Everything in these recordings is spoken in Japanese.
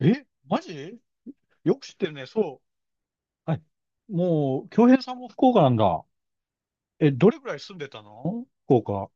マジよく知ってるね。そう。はい。もう、京平さんも福岡なんだ。え、どれくらい住んでたの福岡。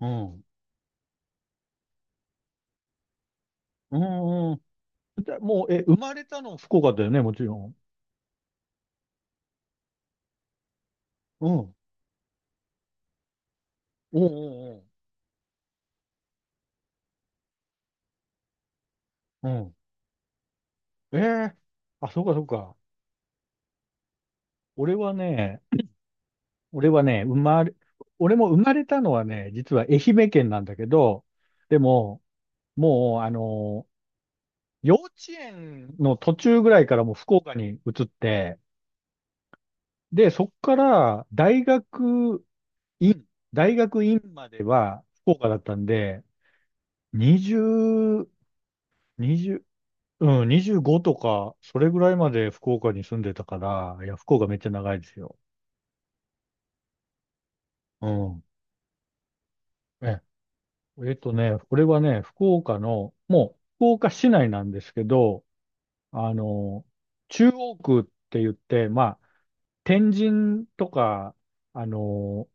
うん。うんうだもう、え、生まれたの福岡だよね、もちろん。うん。うんうんうん。うえー、あ、そうかそうか。俺はね、俺はね、生まれ、俺も生まれたのはね、実は愛媛県なんだけど、でも、もう、幼稚園の途中ぐらいからもう福岡に移って、で、そこから院、大学院までは福岡だったんで、20、20、うん、25とか、それぐらいまで福岡に住んでたから、いや、福岡めっちゃ長いですよ。うん。え、これはね、福岡の、もう福岡市内なんですけど、あの、中央区って言って、まあ、天神とか、あの、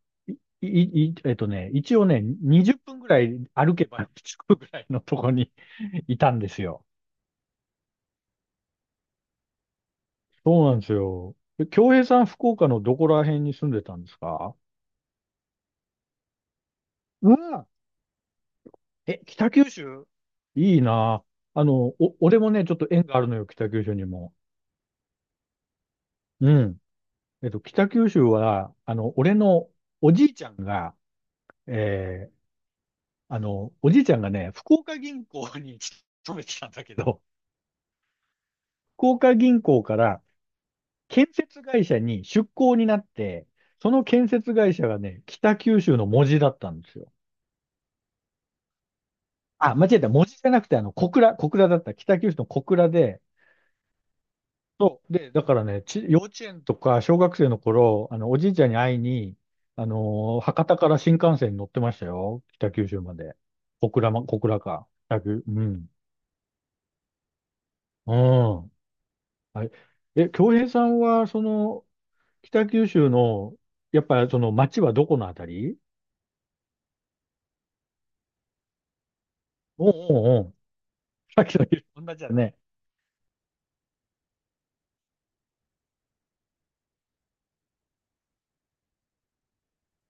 い、い、いえっとね、一応ね、20分ぐらい歩けば着くぐらいのとこに いたんですよ。そうなんですよ。え京平さん、福岡のどこら辺に住んでたんですか？うわ、え、北九州いいな。俺もね、ちょっと縁があるのよ、北九州にも。うん。えっと、北九州は、あの、俺のおじいちゃんが、えーあの、おじいちゃんがね、福岡銀行に勤めてたんだけど、福岡銀行から建設会社に出向になって、その建設会社がね、北九州の門司だったんですよ。あ、間違えた。門司じゃなくて、あの、小倉だった。北九州の小倉で、そう。で、だからね、幼稚園とか小学生の頃、あの、おじいちゃんに会いに、あのー博多から新幹線に乗ってましたよ。北九州まで。小倉か。うん。うん。はい。え、京平さんは、その、北九州の、やっぱりその町はどこのあたり？おうおうおう。さっきの色同じだね。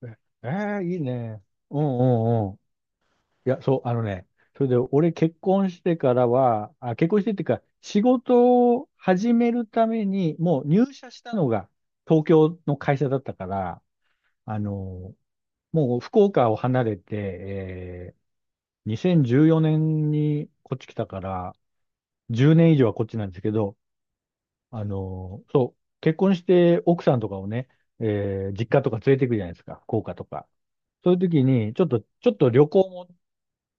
ええー、いいね。うんうんうん。いや、そう、あのね、それで俺結婚してからは、あ、結婚してっていうか、仕事を始めるために、もう入社したのが東京の会社だったから、あの、もう福岡を離れて、えー、2014年にこっち来たから、10年以上はこっちなんですけど、あの、そう、結婚して奥さんとかをね、えー実家とか連れて行くじゃないですか、福岡とか。そういう時に、ちょっと旅行も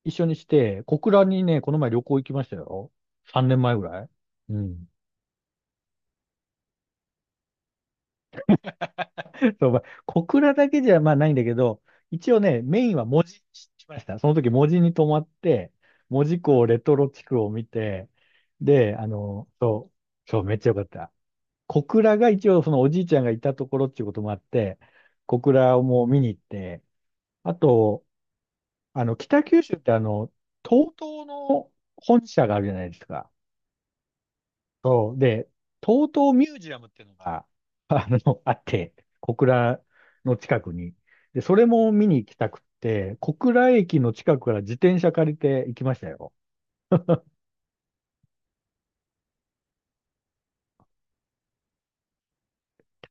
一緒にして、小倉にね、この前旅行行きましたよ。3年前ぐらい。うん。そう、まあ小倉だけじゃまあないんだけど、一応ね、メインは門司にしました。その時門司に泊まって、門司港レトロ地区を見て、で、あの、そう、めっちゃ良かった。小倉が一応そのおじいちゃんがいたところっていうこともあって、小倉をもう見に行って、あと、あの、北九州ってあの、TOTO の本社があるじゃないですか。そう。で、TOTO ミュージアムっていうのが、あの、あって、小倉の近くに。で、それも見に行きたくって、小倉駅の近くから自転車借りて行きましたよ。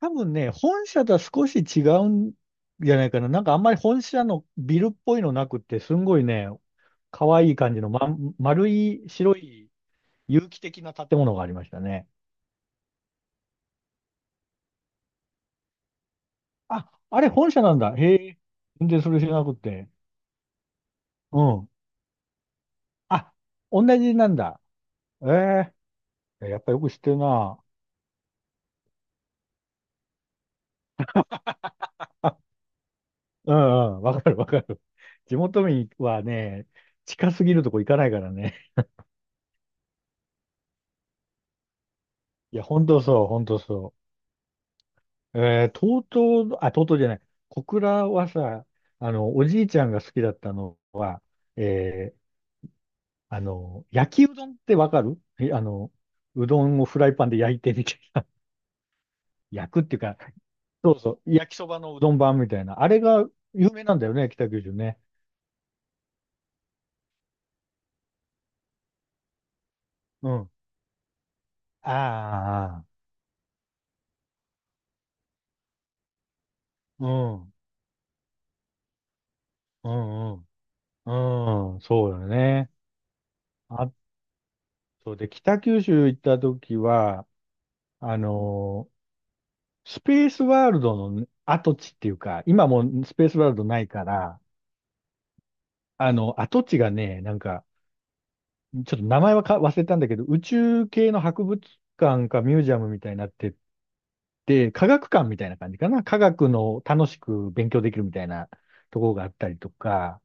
多分ね、本社とは少し違うんじゃないかな。なんかあんまり本社のビルっぽいのなくって、すんごいね、可愛い感じの、ま、丸い白い有機的な建物がありましたね。あ、あれ本社なんだ。へえ、全然それ知らなくって。うん。あ、同じなんだ。ええ、やっぱよく知ってるな。うんうん、わかるわかる。地元民はね、近すぎるとこ行かないからね。いや、本当そう。えー、とうとうあ、とうとうじゃない、小倉はさ、あの、おじいちゃんが好きだったのは、えー、あの、焼きうどんってわかる？えあの、うどんをフライパンで焼いてみたいな。焼くっていうか、そうそう、焼きそばのうどん版みたいな。あれが有名なんだよね、北九州ね。うん。ああ、うん、うん、うそうだね。あとで、北九州行った時は、あのースペースワールドの跡地っていうか、今もうスペースワールドないから、あの、跡地がね、なんか、ちょっと名前は忘れたんだけど、宇宙系の博物館かミュージアムみたいになってて、科学館みたいな感じかな。科学の楽しく勉強できるみたいなところがあったりとか、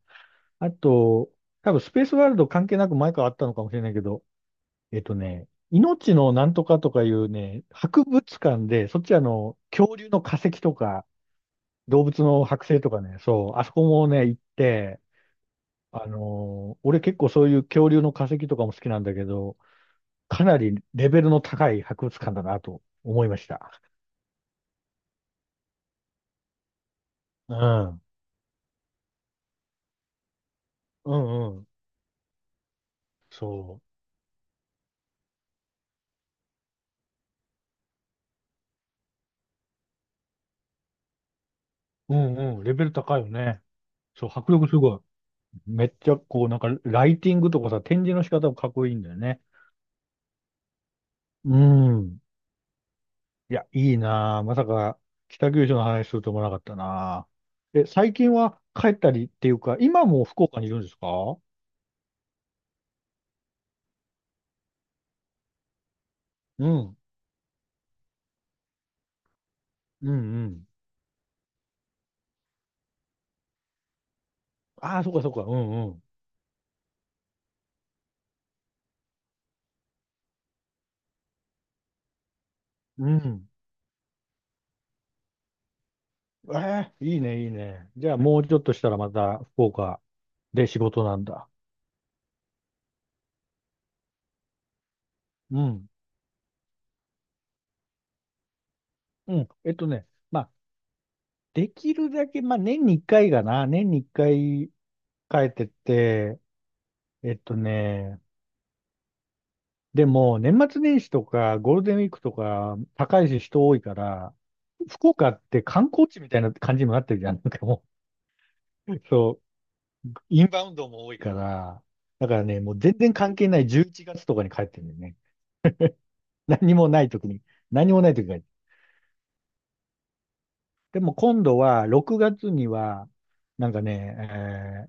あと、多分スペースワールド関係なく前からあったのかもしれないけど、えっとね、命のなんとかとかいうね、博物館で、そっちあの、恐竜の化石とか、動物の剥製とかね、そう、あそこもね、行って、あのー俺結構そういう恐竜の化石とかも好きなんだけど、かなりレベルの高い博物館だなと思いました。うん。うんうん。そう。うん。レベル高いよね。そう、迫力すごい。めっちゃこう、なんかライティングとかさ、展示の仕方もかっこいいんだよね。うん。いや、いいなあまさか北九州の話すると思わなかったなあ。え、最近は帰ったりっていうか、今も福岡にいるんですか？うん。うんうん。ああ、そっかそっか。うんうん。うん。ええ、いいね。じゃあもうちょっとしたらまた福岡で仕事なんだ。うん。うん。えっとね、まあ、できるだけ、まあ、年に一回帰ってって、えっとね、でも、年末年始とか、ゴールデンウィークとか、高いし人多いから、福岡って観光地みたいな感じにもなってるじゃん。なんかもう、そうインバウンドも多いから、だからね、もう全然関係ない11月とかに帰ってるんだよね。何もない時に、何もない時に帰って。でも今度は6月には、なんかね、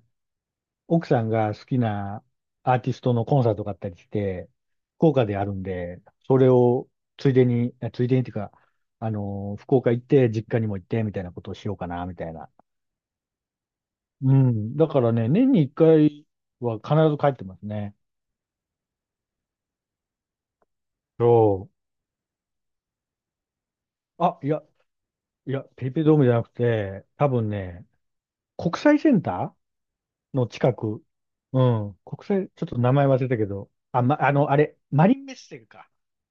えー奥さんが好きなアーティストのコンサートがあったりして、福岡であるんで、それをついでに、えついでにっていうか、あのー福岡行って、実家にも行って、みたいなことをしようかな、みたいな。うん。だからね、年に1回は必ず帰ってますね。そう。いや、ペイペイドームじゃなくて、多分ね、国際センターの近く。うん。国際、ちょっと名前忘れたけど。あ、ま、あの、あれ、マリンメッセか。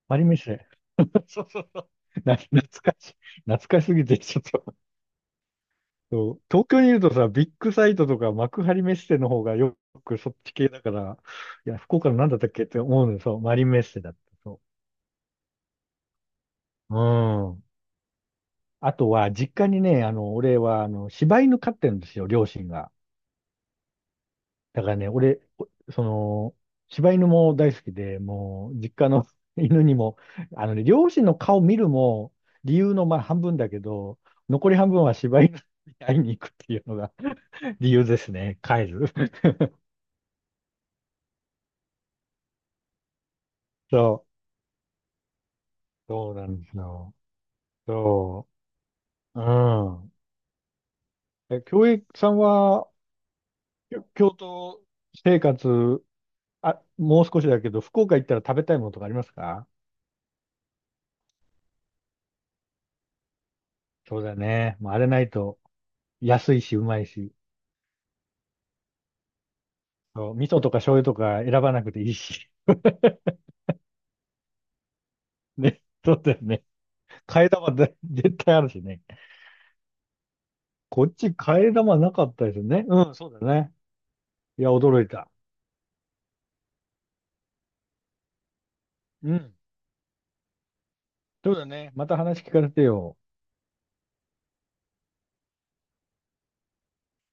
マリンメッセ。そうそうそう。懐かしい。懐かしすぎて、ちょっとそう。東京にいるとさ、ビッグサイトとか幕張メッセの方がよくそっち系だから、いや、福岡のなんだったっけって思うのよ。そう、マリンメッセだった。そう。うん。あとは、実家にね、あの、俺は、あの、柴犬飼ってるんですよ、両親が。だからね、俺、おその、柴犬も大好きで、もう、実家の 犬にも、あのね、両親の顔見るも、理由のまあ半分だけど、残り半分は柴犬に会いに行くっていうのが 理由ですね、帰る。そう、そうなんですよ。そう、うん。え、京平さんは、京都生活、あ、もう少しだけど、福岡行ったら食べたいものとかありますか？そうだね。もうあれないと、安いし、うまいし。そう、味噌とか醤油とか選ばなくていいし。ね。そうだよね。替え玉で 絶対あるしね。こっち替え玉なかったですね。うん、そうだね。いや、驚いた。うん。そうだね。また話聞かせてよ。